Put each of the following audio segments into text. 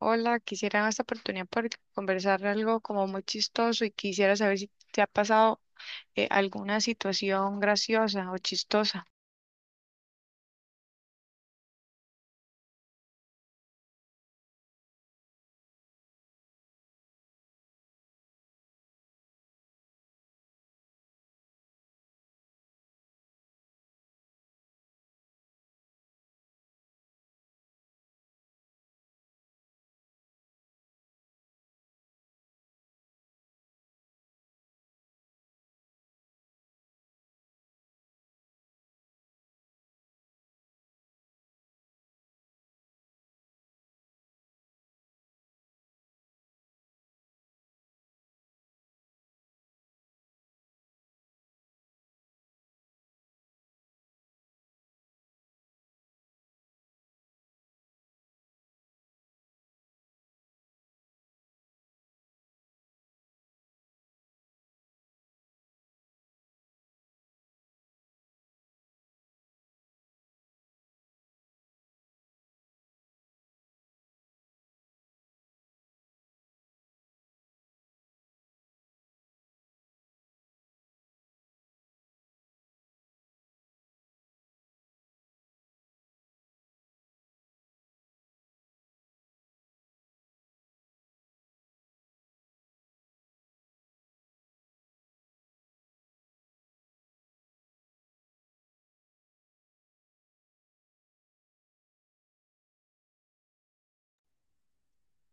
Hola, quisiera en esta oportunidad por conversar algo como muy chistoso y quisiera saber si te ha pasado alguna situación graciosa o chistosa.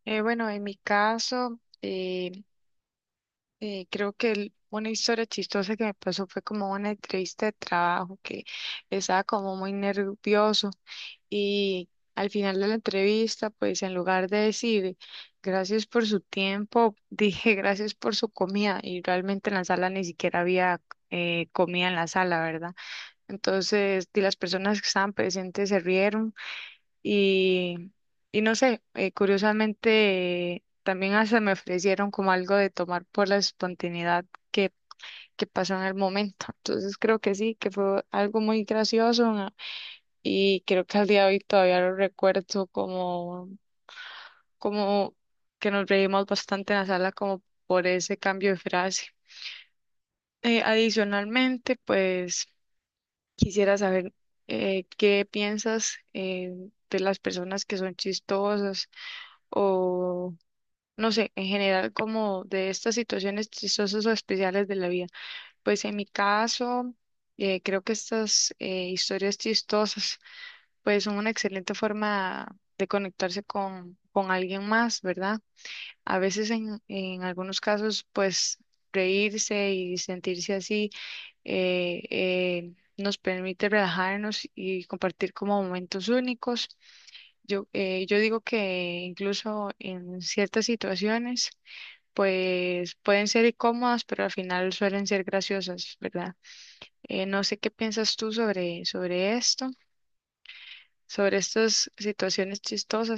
Bueno, en mi caso, creo que una historia chistosa que me pasó fue como una entrevista de trabajo que estaba como muy nervioso y al final de la entrevista, pues en lugar de decir gracias por su tiempo, dije gracias por su comida y realmente en la sala ni siquiera había comida en la sala, ¿verdad? Entonces, y las personas que estaban presentes se rieron y, y no sé, curiosamente también hasta me ofrecieron como algo de tomar por la espontaneidad que, que pasó en el momento. Entonces creo que sí, que fue algo muy gracioso, ¿no? Y creo que al día de hoy todavía lo recuerdo como, como que nos reímos bastante en la sala como por ese cambio de frase. Adicionalmente, pues quisiera saber qué piensas de las personas que son chistosas o no sé, en general como de estas situaciones chistosas o especiales de la vida. Pues en mi caso, creo que estas historias chistosas pues son una excelente forma de conectarse con alguien más, ¿verdad? A veces en algunos casos pues reírse y sentirse así nos permite relajarnos y compartir como momentos únicos. Yo digo que incluso en ciertas situaciones, pues pueden ser incómodas, pero al final suelen ser graciosas, ¿verdad? No sé qué piensas tú sobre esto, sobre estas situaciones chistosas.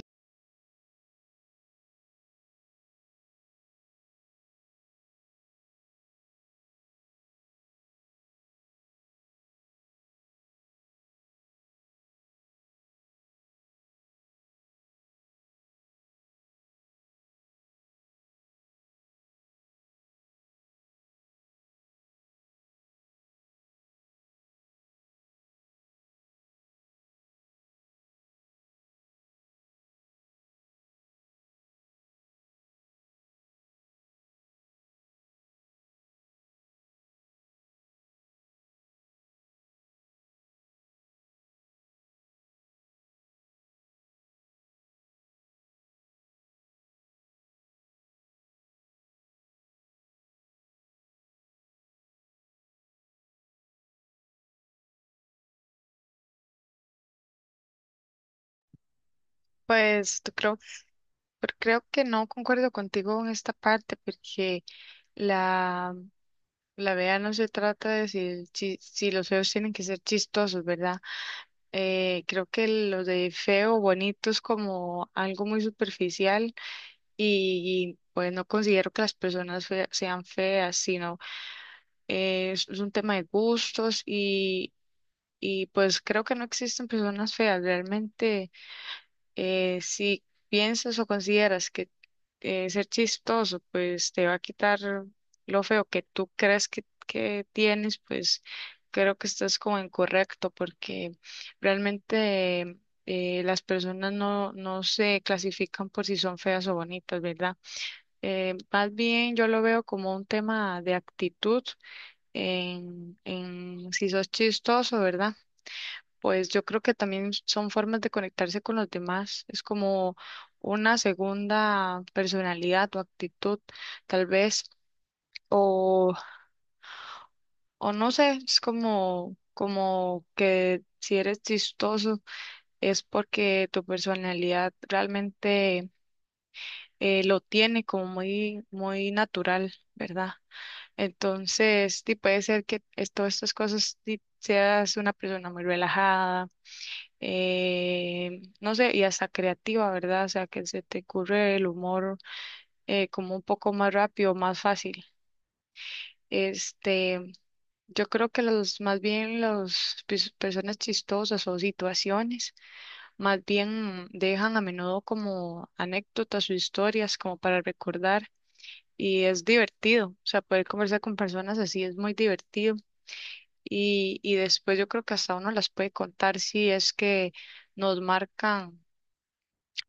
Pues tú creo, pero creo que no concuerdo contigo en esta parte, porque la, la vea no se trata de si, si los feos tienen que ser chistosos, ¿verdad? Creo que lo de feo, bonito es como algo muy superficial y pues no considero que las personas sean feas, sino es un tema de gustos y pues creo que no existen personas feas. Realmente, si piensas o consideras que ser chistoso, pues te va a quitar lo feo que tú crees que tienes, pues creo que estás como incorrecto porque realmente las personas no, no se clasifican por si son feas o bonitas, ¿verdad? Más bien yo lo veo como un tema de actitud en si sos chistoso, ¿verdad? Pues yo creo que también son formas de conectarse con los demás. Es como una segunda personalidad o actitud, tal vez, o, o no sé, es como, como que si eres chistoso es porque tu personalidad realmente lo tiene como muy, muy natural, ¿verdad? Entonces, sí, puede ser que todas estas cosas sí, seas una persona muy relajada, no sé, y hasta creativa, ¿verdad? O sea, que se te ocurre el humor como un poco más rápido, más fácil. Este, yo creo que más bien las personas chistosas o situaciones, más bien dejan a menudo como anécdotas o historias como para recordar. Y es divertido, o sea, poder conversar con personas así es muy divertido y después yo creo que hasta uno las puede contar si es que nos marcan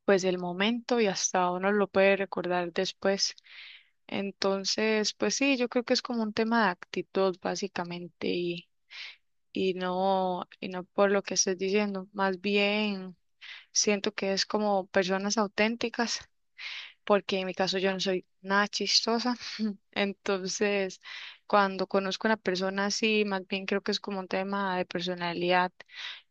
pues el momento y hasta uno lo puede recordar después. Entonces, pues sí, yo creo que es como un tema de actitud básicamente y no por lo que estés diciendo, más bien siento que es como personas auténticas. Porque en mi caso yo no soy nada chistosa. Entonces, cuando conozco a una persona así, más bien creo que es como un tema de personalidad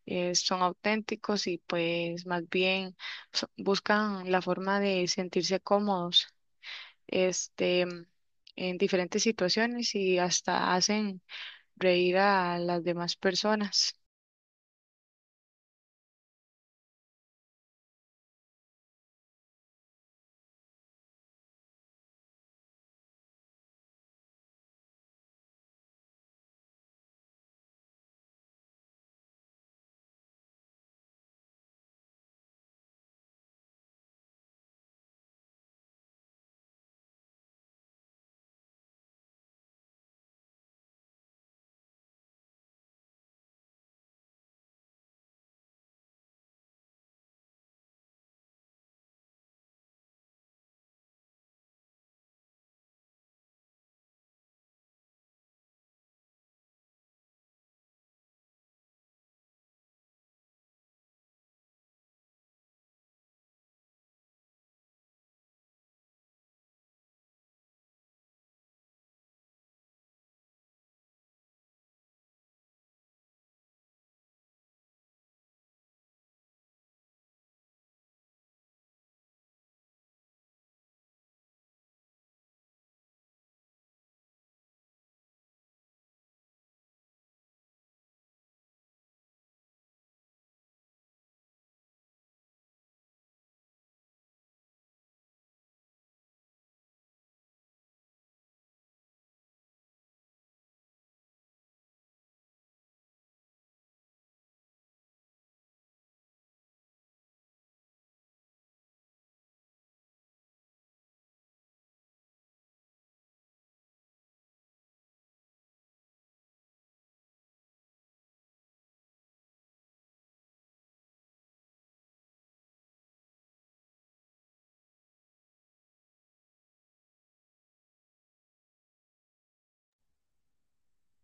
son auténticos y pues más bien buscan la forma de sentirse cómodos, este, en diferentes situaciones y hasta hacen reír a las demás personas.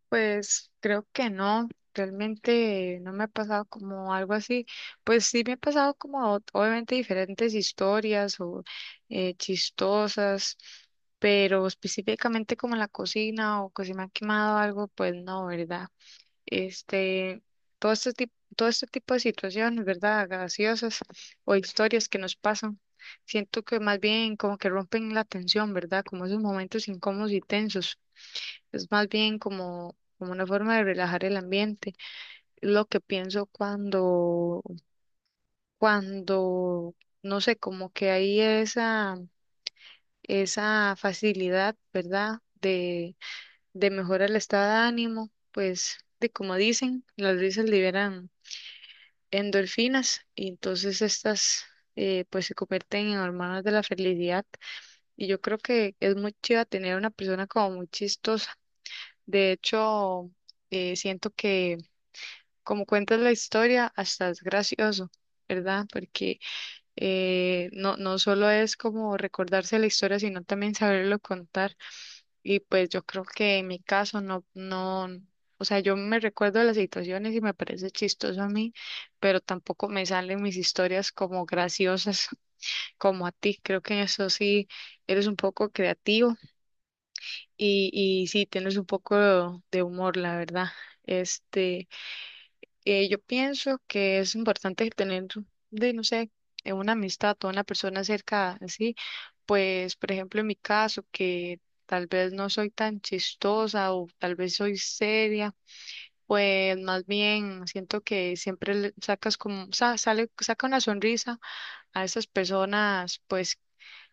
Pues creo que no, realmente no me ha pasado como algo así. Pues sí me ha pasado como obviamente diferentes historias o chistosas, pero específicamente como en la cocina o que se me ha quemado algo, pues no, ¿verdad? Este, todo este tipo de situaciones, ¿verdad? Graciosas o historias que nos pasan. Siento que más bien como que rompen la tensión, ¿verdad? Como esos momentos incómodos y tensos. Es más bien como, como una forma de relajar el ambiente. Lo que pienso cuando, cuando, no sé, como que hay esa, esa facilidad, ¿verdad? De mejorar el estado de ánimo, pues, de como dicen, las risas liberan endorfinas y entonces estas pues se convierten en hormonas de la felicidad y yo creo que es muy chido tener una persona como muy chistosa. De hecho, siento que como cuentas la historia, hasta es gracioso, ¿verdad? Porque no, no solo es como recordarse la historia, sino también saberlo contar. Y pues yo creo que en mi caso no, no, o sea, yo me recuerdo de las situaciones y me parece chistoso a mí, pero tampoco me salen mis historias como graciosas como a ti. Creo que en eso sí eres un poco creativo y sí tienes un poco de humor, la verdad. Este. Yo pienso que es importante tener, de, no sé, una amistad o una persona cerca, así, pues, por ejemplo, en mi caso, que tal vez no soy tan chistosa o tal vez soy seria, pues más bien siento que siempre le sacas como, sale, saca una sonrisa a esas personas, pues,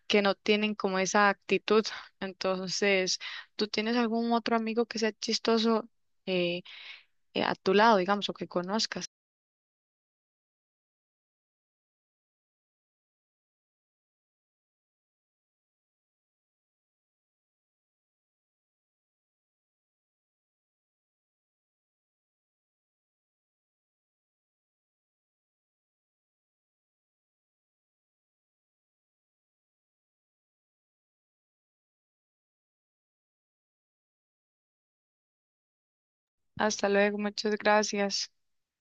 que no tienen como esa actitud. Entonces, ¿tú tienes algún otro amigo que sea chistoso eh, a tu lado, digamos, o que conozcas? Hasta luego, muchas gracias.